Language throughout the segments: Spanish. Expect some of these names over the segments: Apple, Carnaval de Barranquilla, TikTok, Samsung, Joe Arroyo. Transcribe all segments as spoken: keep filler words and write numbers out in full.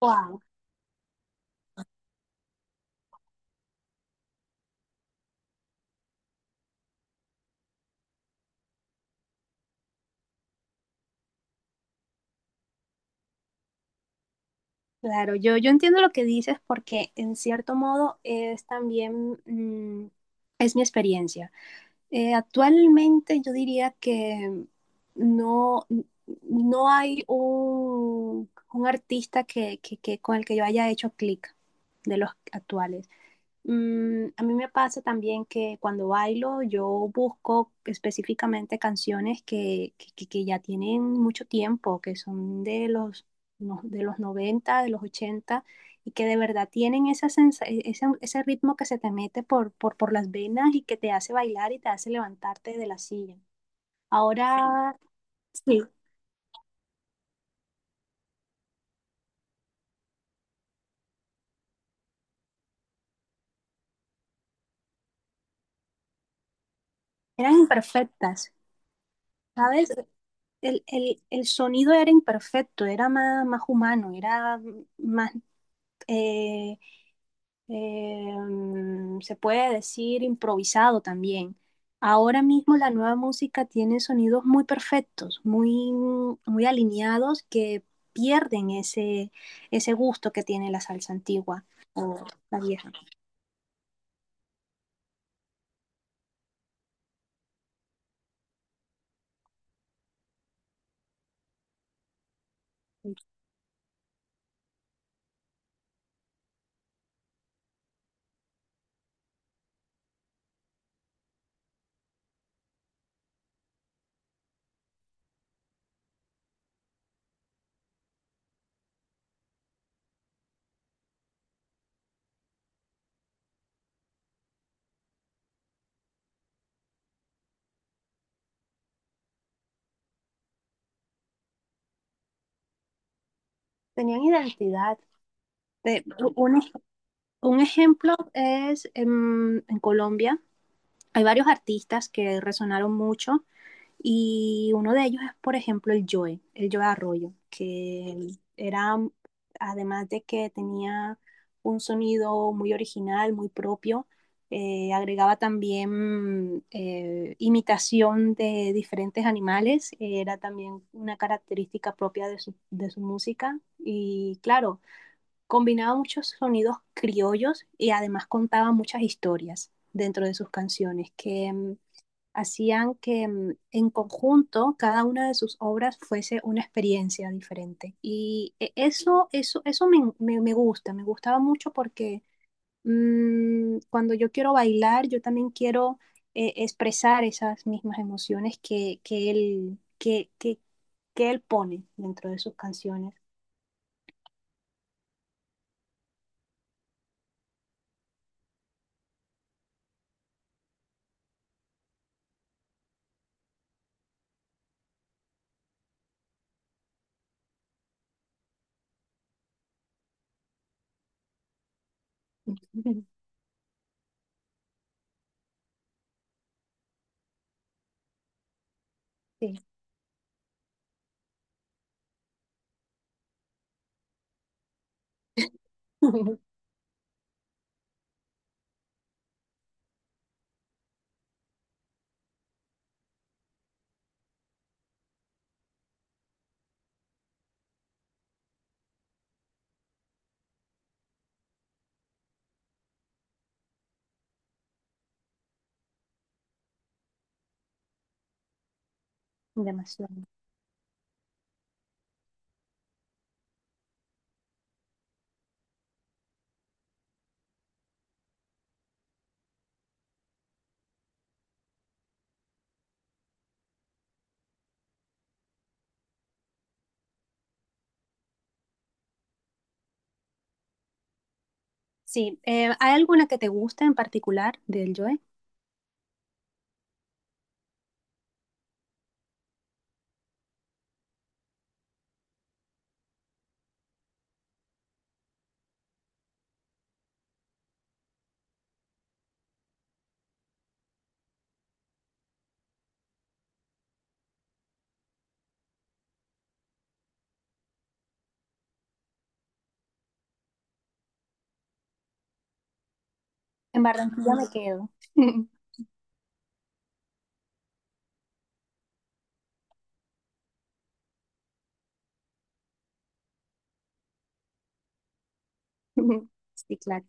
Wow, claro, yo, yo entiendo lo que dices porque en cierto modo es también, mm, es mi experiencia. Eh, actualmente yo diría que no, no hay un, un artista que, que- que- con el que yo haya hecho clic de los actuales. Mm, a mí me pasa también que cuando bailo yo busco específicamente canciones que, que- que- que ya tienen mucho tiempo, que son de los, no- de los noventa de los ochenta y que de verdad tienen esa sensa- e, ese, ese ritmo que se te mete por, por, por las venas y que te hace bailar y te hace levantarte de la silla. Ahora, sí, eran imperfectas, ¿sabes? El, el- el sonido era imperfecto, era más, más humano, era más... eh, em, se puede decir improvisado también. Ahora mismo la nueva música tiene sonidos muy perfectos, muy, muy alineados que pierden ese, ese gusto que tiene la salsa antigua o la vieja. Tenían identidad. Te- un, un ejemplo es em, en Colombia. Hay varios artistas que resonaron mucho. Y uno de ellos es, por ejemplo, el Joe, el Joe Arroyo, que era, además de que tenía un sonido muy original, muy propio, eh, agregaba también eh, imitación de diferentes animales, era también una característica propia de su, de su música y claro, combinaba muchos sonidos criollos y además contaba muchas historias dentro de sus canciones que mm, hacían que mm, en conjunto cada una de sus obras fuese una experiencia diferente. Y e- eso, eso, eso me, me- me gusta, me gustaba mucho porque mm, cuando yo quiero bailar, yo también quiero eh, expresar esas mismas emociones que, que él, que, que, que él pone dentro de sus canciones. Sí, demasiado. Sí, eh, ¿hay alguna que te guste en particular del Joy? En Barranquilla me quedo. Sí, claro.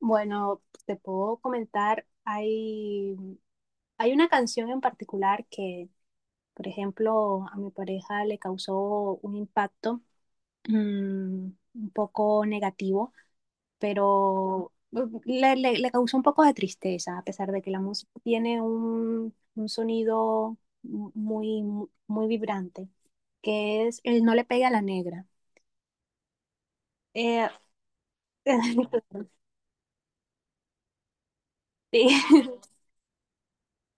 Bueno, te puedo comentar, hay, hay una canción en particular que, por ejemplo, a mi pareja le causó un impacto mm, un poco negativo, pero le, le- le causó un poco de tristeza, a pesar de que la música tiene un, un sonido mu- muy, mu- muy vibrante, que es el No le pegue a la negra. Eh, sí.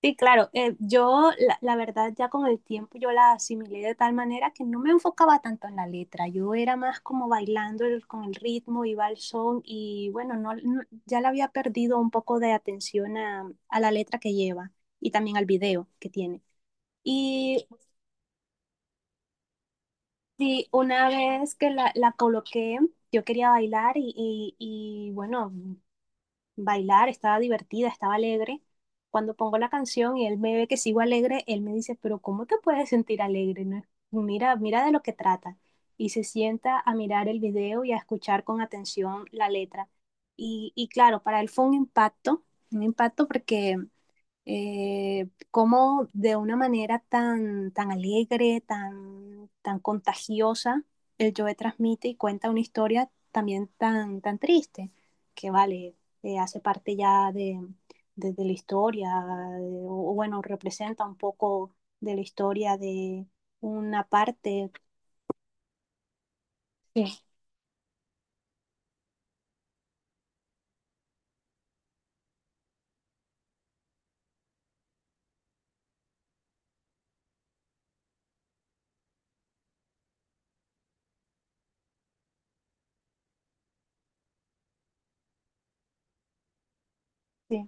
Sí, claro. eh, yo, la, la verdad, ya con el tiempo yo la asimilé de tal manera que no me enfocaba tanto en la letra. Yo era más como bailando el- con el ritmo, iba al son y bueno, no, no- ya le había perdido un poco de atención a, a la letra que lleva y también al video que tiene. Y sí, una vez que la, la coloqué, yo quería bailar y, y, y bueno, bailar, estaba divertida, estaba alegre. Cuando pongo la canción y él me ve que sigo alegre, él me dice, pero ¿cómo te puedes sentir alegre? No es- Mira, mira de lo que trata. Y se sienta a mirar el video y a escuchar con atención la letra. Y, y claro, para él fue un impacto, un impacto porque eh, cómo de una manera tan, tan alegre, tan, tan contagiosa, el Joe transmite y cuenta una historia también tan, tan triste, que vale, eh, hace parte ya de, de- de la historia, eh, o bueno, representa un poco de la historia de una parte. Sí, sí.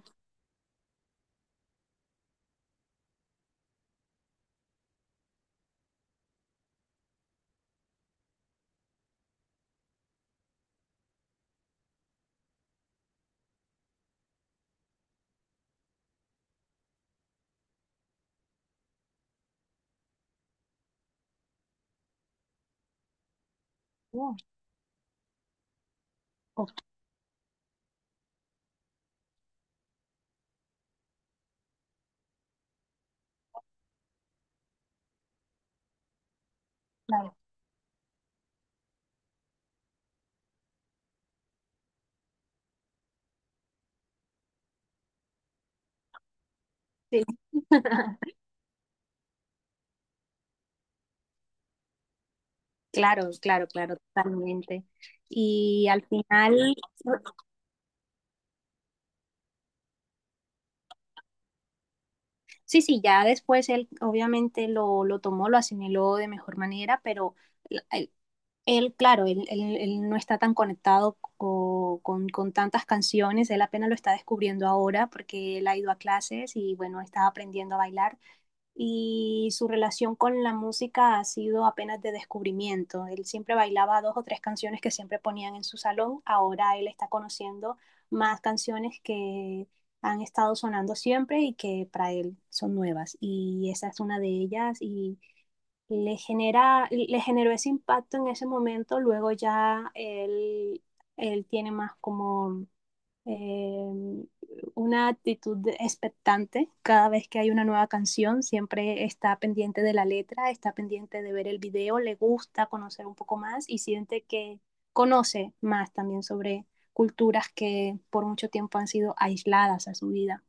Oh, oh, claro. Sí. Claro, claro, claro, totalmente. Y al final, sí, sí, ya después él obviamente lo, lo tomó, lo asimiló de mejor manera, pero l- él, él, claro, él, él- él no está tan conectado co- con, con tantas canciones, él apenas lo está descubriendo ahora porque él ha ido a clases y bueno, está aprendiendo a bailar, y su relación con la música ha sido apenas de descubrimiento. Él siempre bailaba dos o tres canciones que siempre ponían en su salón, ahora él está conociendo más canciones que han estado sonando siempre y que para él son nuevas y esa es una de ellas y le genera le generó ese impacto en ese momento. Luego ya él él tiene más como eh, una actitud expectante cada vez que hay una nueva canción, siempre está pendiente de la letra, está pendiente de ver el video, le gusta conocer un poco más y siente que conoce más también sobre culturas que por mucho tiempo han sido aisladas a su vida.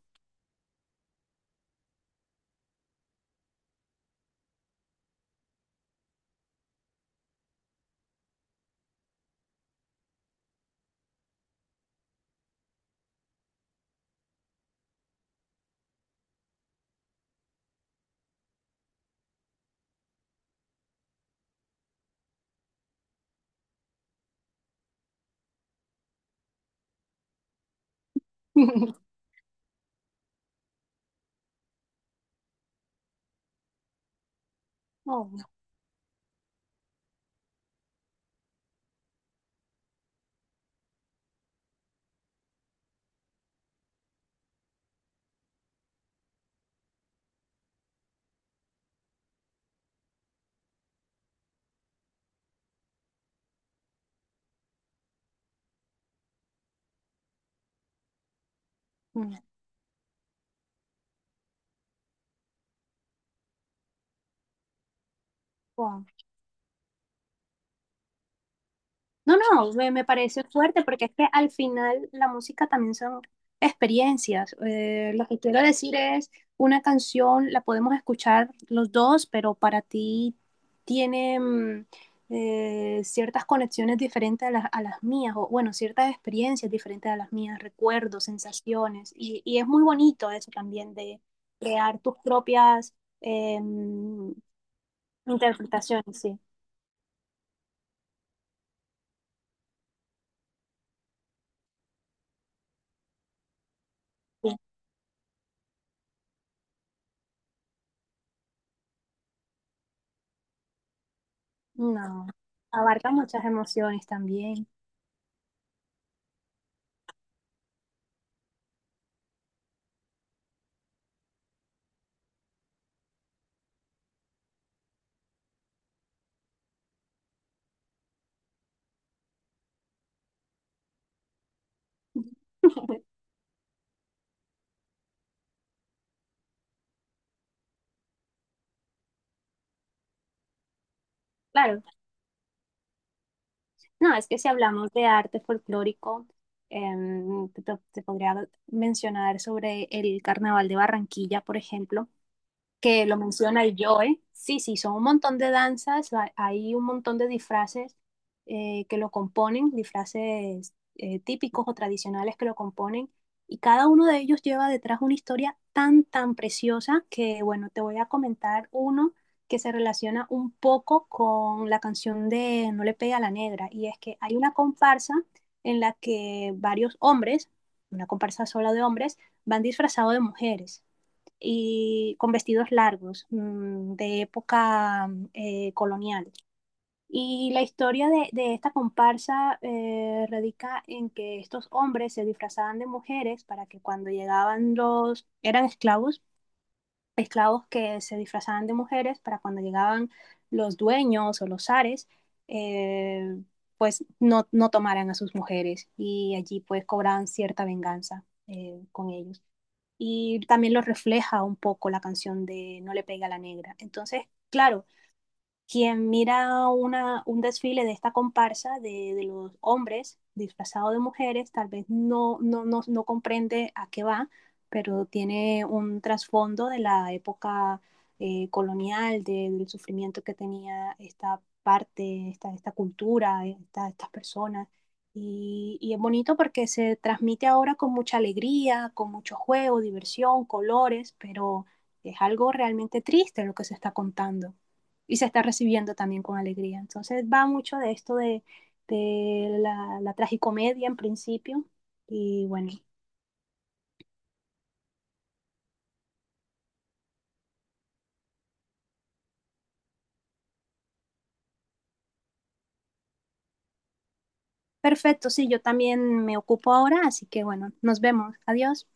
Oh, mm, wow. No, no, me, me parece fuerte porque es que al final la música también son experiencias. Eh, lo que quiero decir es, una canción la podemos escuchar los dos, pero para ti tiene mm, eh, ciertas conexiones diferentes a las, a las mías, o bueno, ciertas experiencias diferentes a las mías, recuerdos, sensaciones, y, y es muy bonito eso también de crear tus propias em, interpretaciones, sí. Sí. No, abarca muchas emociones también. Claro, no, es que si hablamos de arte folclórico, em, te, te podría mencionar sobre el Carnaval de Barranquilla, por ejemplo, que lo menciona el Joe. Sí, sí, son un montón de danzas, ha- hay un montón de disfraces eh, que lo componen, disfraces eh, típicos o tradicionales que lo componen, y cada uno de ellos lleva detrás una historia tan, tan preciosa que, bueno, te voy a comentar uno que se relaciona un poco con la canción de No le pegue a la negra, y es que hay una comparsa en la que varios hombres, una comparsa sola de hombres, van disfrazados de mujeres y con vestidos largos mmm, de época eh, colonial. Y la historia de, de esta comparsa eh, radica en que estos hombres se disfrazaban de mujeres para que cuando llegaban los, eran esclavos, esclavos que se disfrazaban de mujeres para cuando llegaban los dueños o los zares, eh, pues no, no tomaran a sus mujeres y allí pues cobraban cierta venganza eh, con ellos y también lo refleja un poco la canción de No le pega a la negra. Entonces, claro, quien mira una, un desfile de esta comparsa de, de los hombres disfrazados de mujeres, tal vez no, no, no, no comprende a qué va, pero tiene un trasfondo de la época eh, colonial, de- del sufrimiento que tenía esta parte, esta, esta cultura, esta- estas personas. Y, y es bonito porque se transmite ahora con mucha alegría, con mucho juego, diversión, colores, pero es algo realmente triste lo que se está contando y se está recibiendo también con alegría. Entonces va mucho de esto de, de la, la tragicomedia en principio y bueno, perfecto, sí, yo también me ocupo ahora, así que bueno, nos vemos, adiós.